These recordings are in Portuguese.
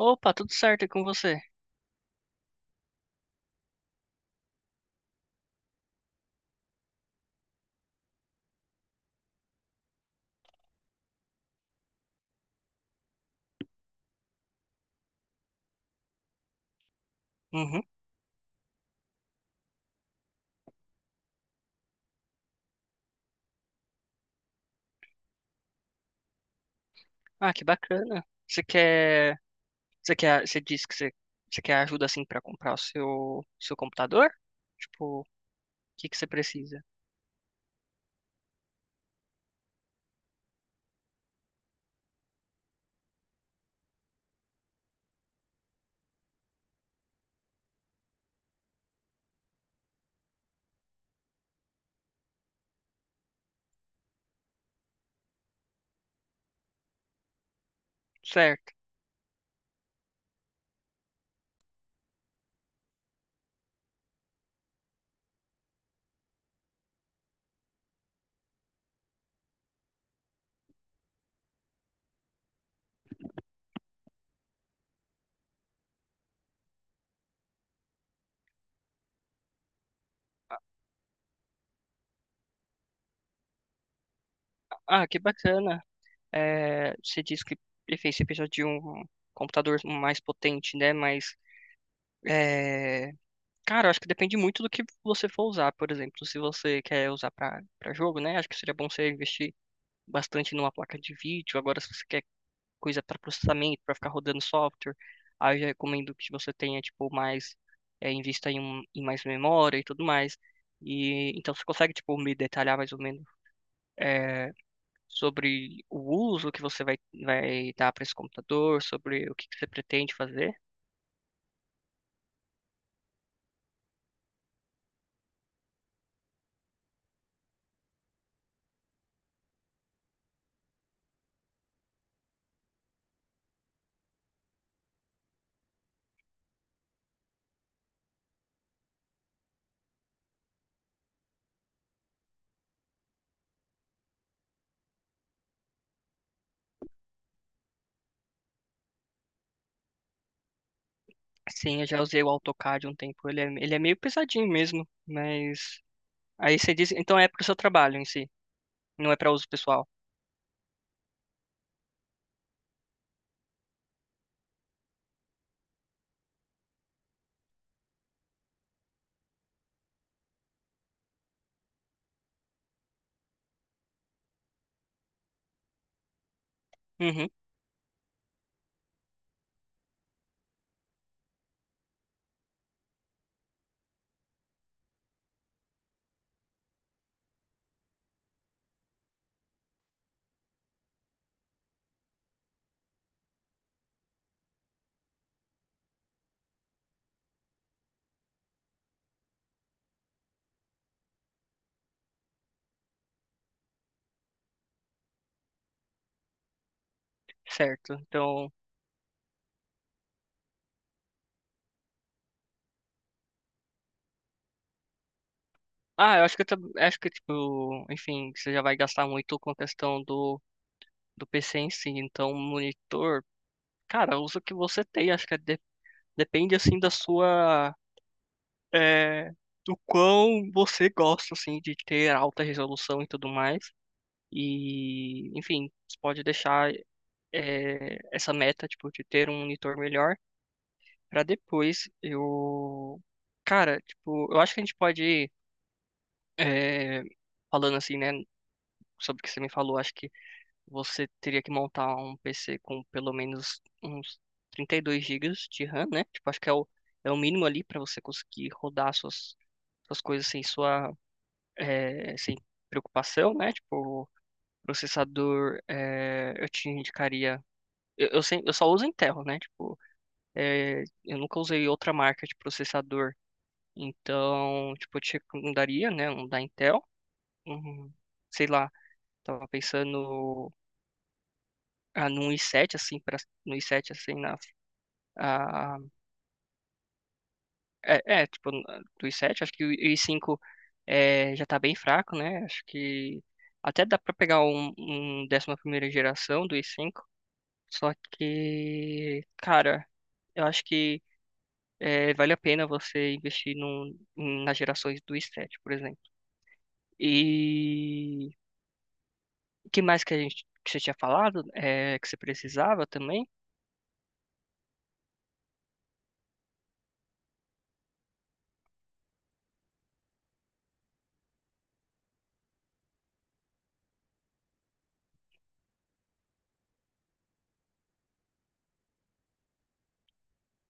Opa, tudo certo e com você? Uhum. Ah, que bacana. Você quer, você quer, você disse que você, você quer ajuda assim pra comprar o seu computador? Tipo, o que que você precisa? Certo. Ah, que bacana. É, você disse que enfim, você precisa de um computador mais potente, né? Mas, é, cara, eu acho que depende muito do que você for usar. Por exemplo, se você quer usar pra para jogo, né? Acho que seria bom você investir bastante numa placa de vídeo. Agora, se você quer coisa para processamento, para ficar rodando software. Aí eu já recomendo que você tenha, tipo, mais, invista em, em mais memória e tudo mais. E então você consegue, tipo, me detalhar mais ou menos é, sobre o uso que você vai dar para esse computador, sobre o que, que você pretende fazer? Sim, eu já usei o AutoCAD um tempo. Ele é meio pesadinho mesmo, mas aí você diz, então é para o seu trabalho em si, não é para uso pessoal. Uhum. Certo. Então, eu acho que eu acho que tipo, enfim, você já vai gastar muito com a questão do do PC em si, então monitor, cara, usa o que você tem, acho que é depende assim da sua, é, do quão você gosta assim de ter alta resolução e tudo mais. E, enfim, você pode deixar, essa meta, tipo, de ter um monitor melhor pra depois eu cara, tipo, eu acho que a gente pode, é, falando assim, né, sobre o que você me falou, acho que você teria que montar um PC com pelo menos uns 32 gigas de RAM, né? Tipo, acho que é o mínimo ali para você conseguir rodar suas coisas sem sua, eh, sem preocupação, né? Tipo, processador, eu te indicaria. Eu, sem- eu só uso Intel, né? Tipo, eu nunca usei outra marca de processador. Então, tipo, eu te recomendaria, né? Um da Intel. Um, sei lá, tava pensando, num i7, assim, no i7, assim, na, ah, é, é, tipo, do i7, acho que o i5 é, já tá bem fraco, né? Acho que até dá pra pegar um 11ª geração do i5, só que, cara, eu acho que, vale a pena você investir nas gerações do i7, por exemplo. E o que mais que que você tinha falado, que você precisava também?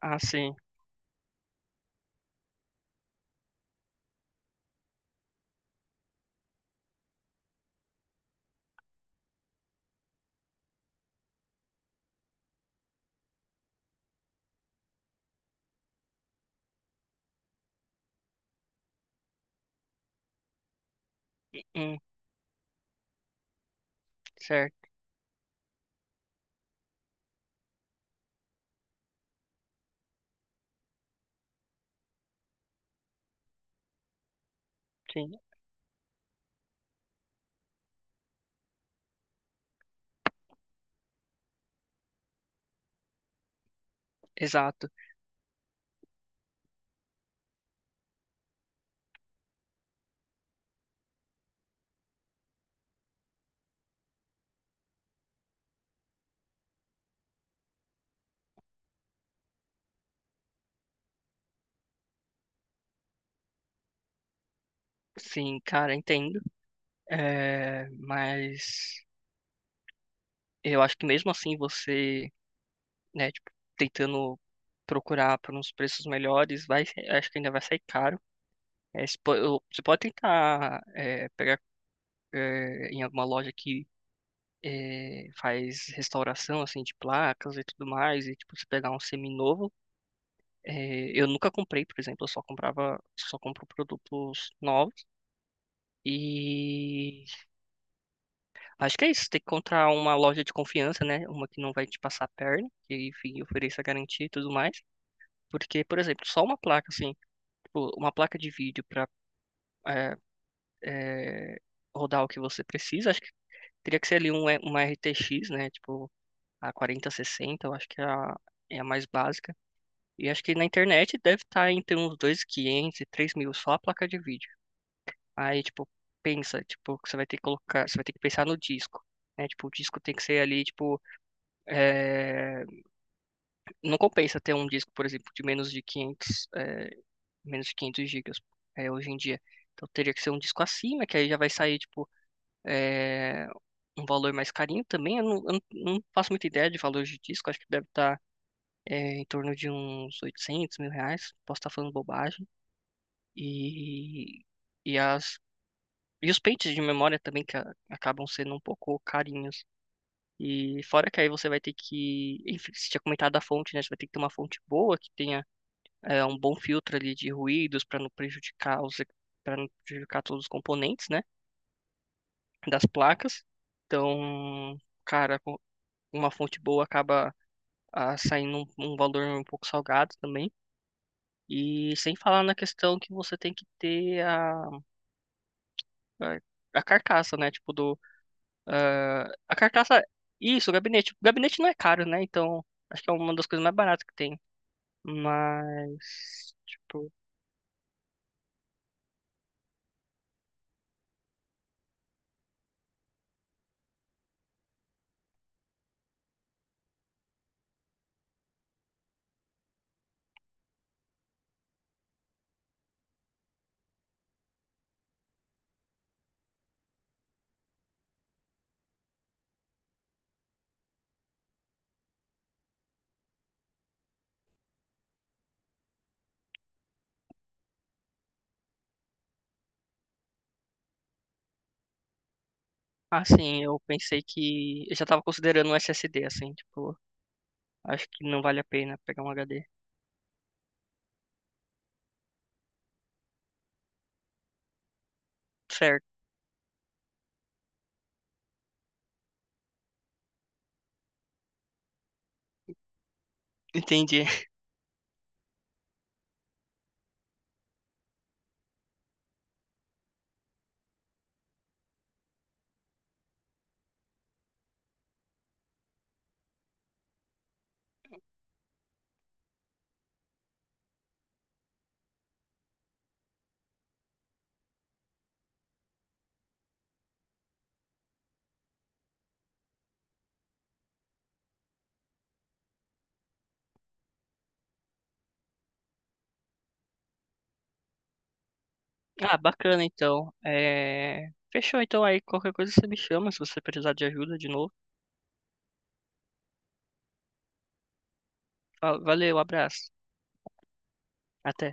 Ah, sim. Hum. Certo. Sim. Exato. Sim, cara, entendo. É, mas eu acho que mesmo assim você, né, tipo, tentando procurar por uns preços melhores, vai, acho que ainda vai sair caro. É, se po- eu- você pode tentar, pegar, em alguma loja que, faz restauração assim de placas e tudo mais, e tipo, você pegar um seminovo. É, eu nunca comprei, por exemplo, eu só comprava, só compro produtos novos. E acho que é isso, tem que encontrar uma loja de confiança, né? Uma que não vai te passar a perna, que, enfim, ofereça garantia e tudo mais. Porque, por exemplo, só uma placa, assim, tipo, uma placa de vídeo para rodar o que você precisa, acho que teria que ser ali uma RTX, né? Tipo, a 4060. Eu acho que é a mais básica. E acho que na internet deve estar entre uns 2.500 e quinhentos e 3.000, só a placa de vídeo. Aí, tipo, pensa, tipo, que você vai ter que colocar, você vai ter que pensar no disco, né? Tipo, o disco tem que ser ali, tipo, é, não compensa ter um disco, por exemplo, de menos de quinhentos, menos de 500 gigas, hoje em dia. Então teria que ser um disco acima, que aí já vai sair, tipo, é, um valor mais carinho também. Eu não faço muita ideia de valor de disco, acho que deve estar, em torno de uns R$ 800 mil, posso estar falando bobagem. E, e, as, e os pentes de memória também, que acabam sendo um pouco carinhos. E fora que aí você vai ter que, enfim, você tinha comentado da fonte, né? Você vai ter que ter uma fonte boa, que tenha, um bom filtro ali de ruídos para não prejudicar os, para não prejudicar todos os componentes, né, das placas. Então, cara, com uma fonte boa acaba, saindo um valor um pouco salgado também. E sem falar na questão que você tem que ter a, a carcaça, né? Tipo a carcaça, isso, o gabinete. O gabinete não é caro, né? Então, acho que é uma das coisas mais baratas que tem. Mas, tipo, assim, eu pensei que. Eu já tava considerando um SSD, assim, tipo, acho que não vale a pena pegar um HD. Certo, entendi. Ah, bacana então. É... Fechou então aí, qualquer coisa você me chama se você precisar de ajuda de novo. Valeu, abraço. Até.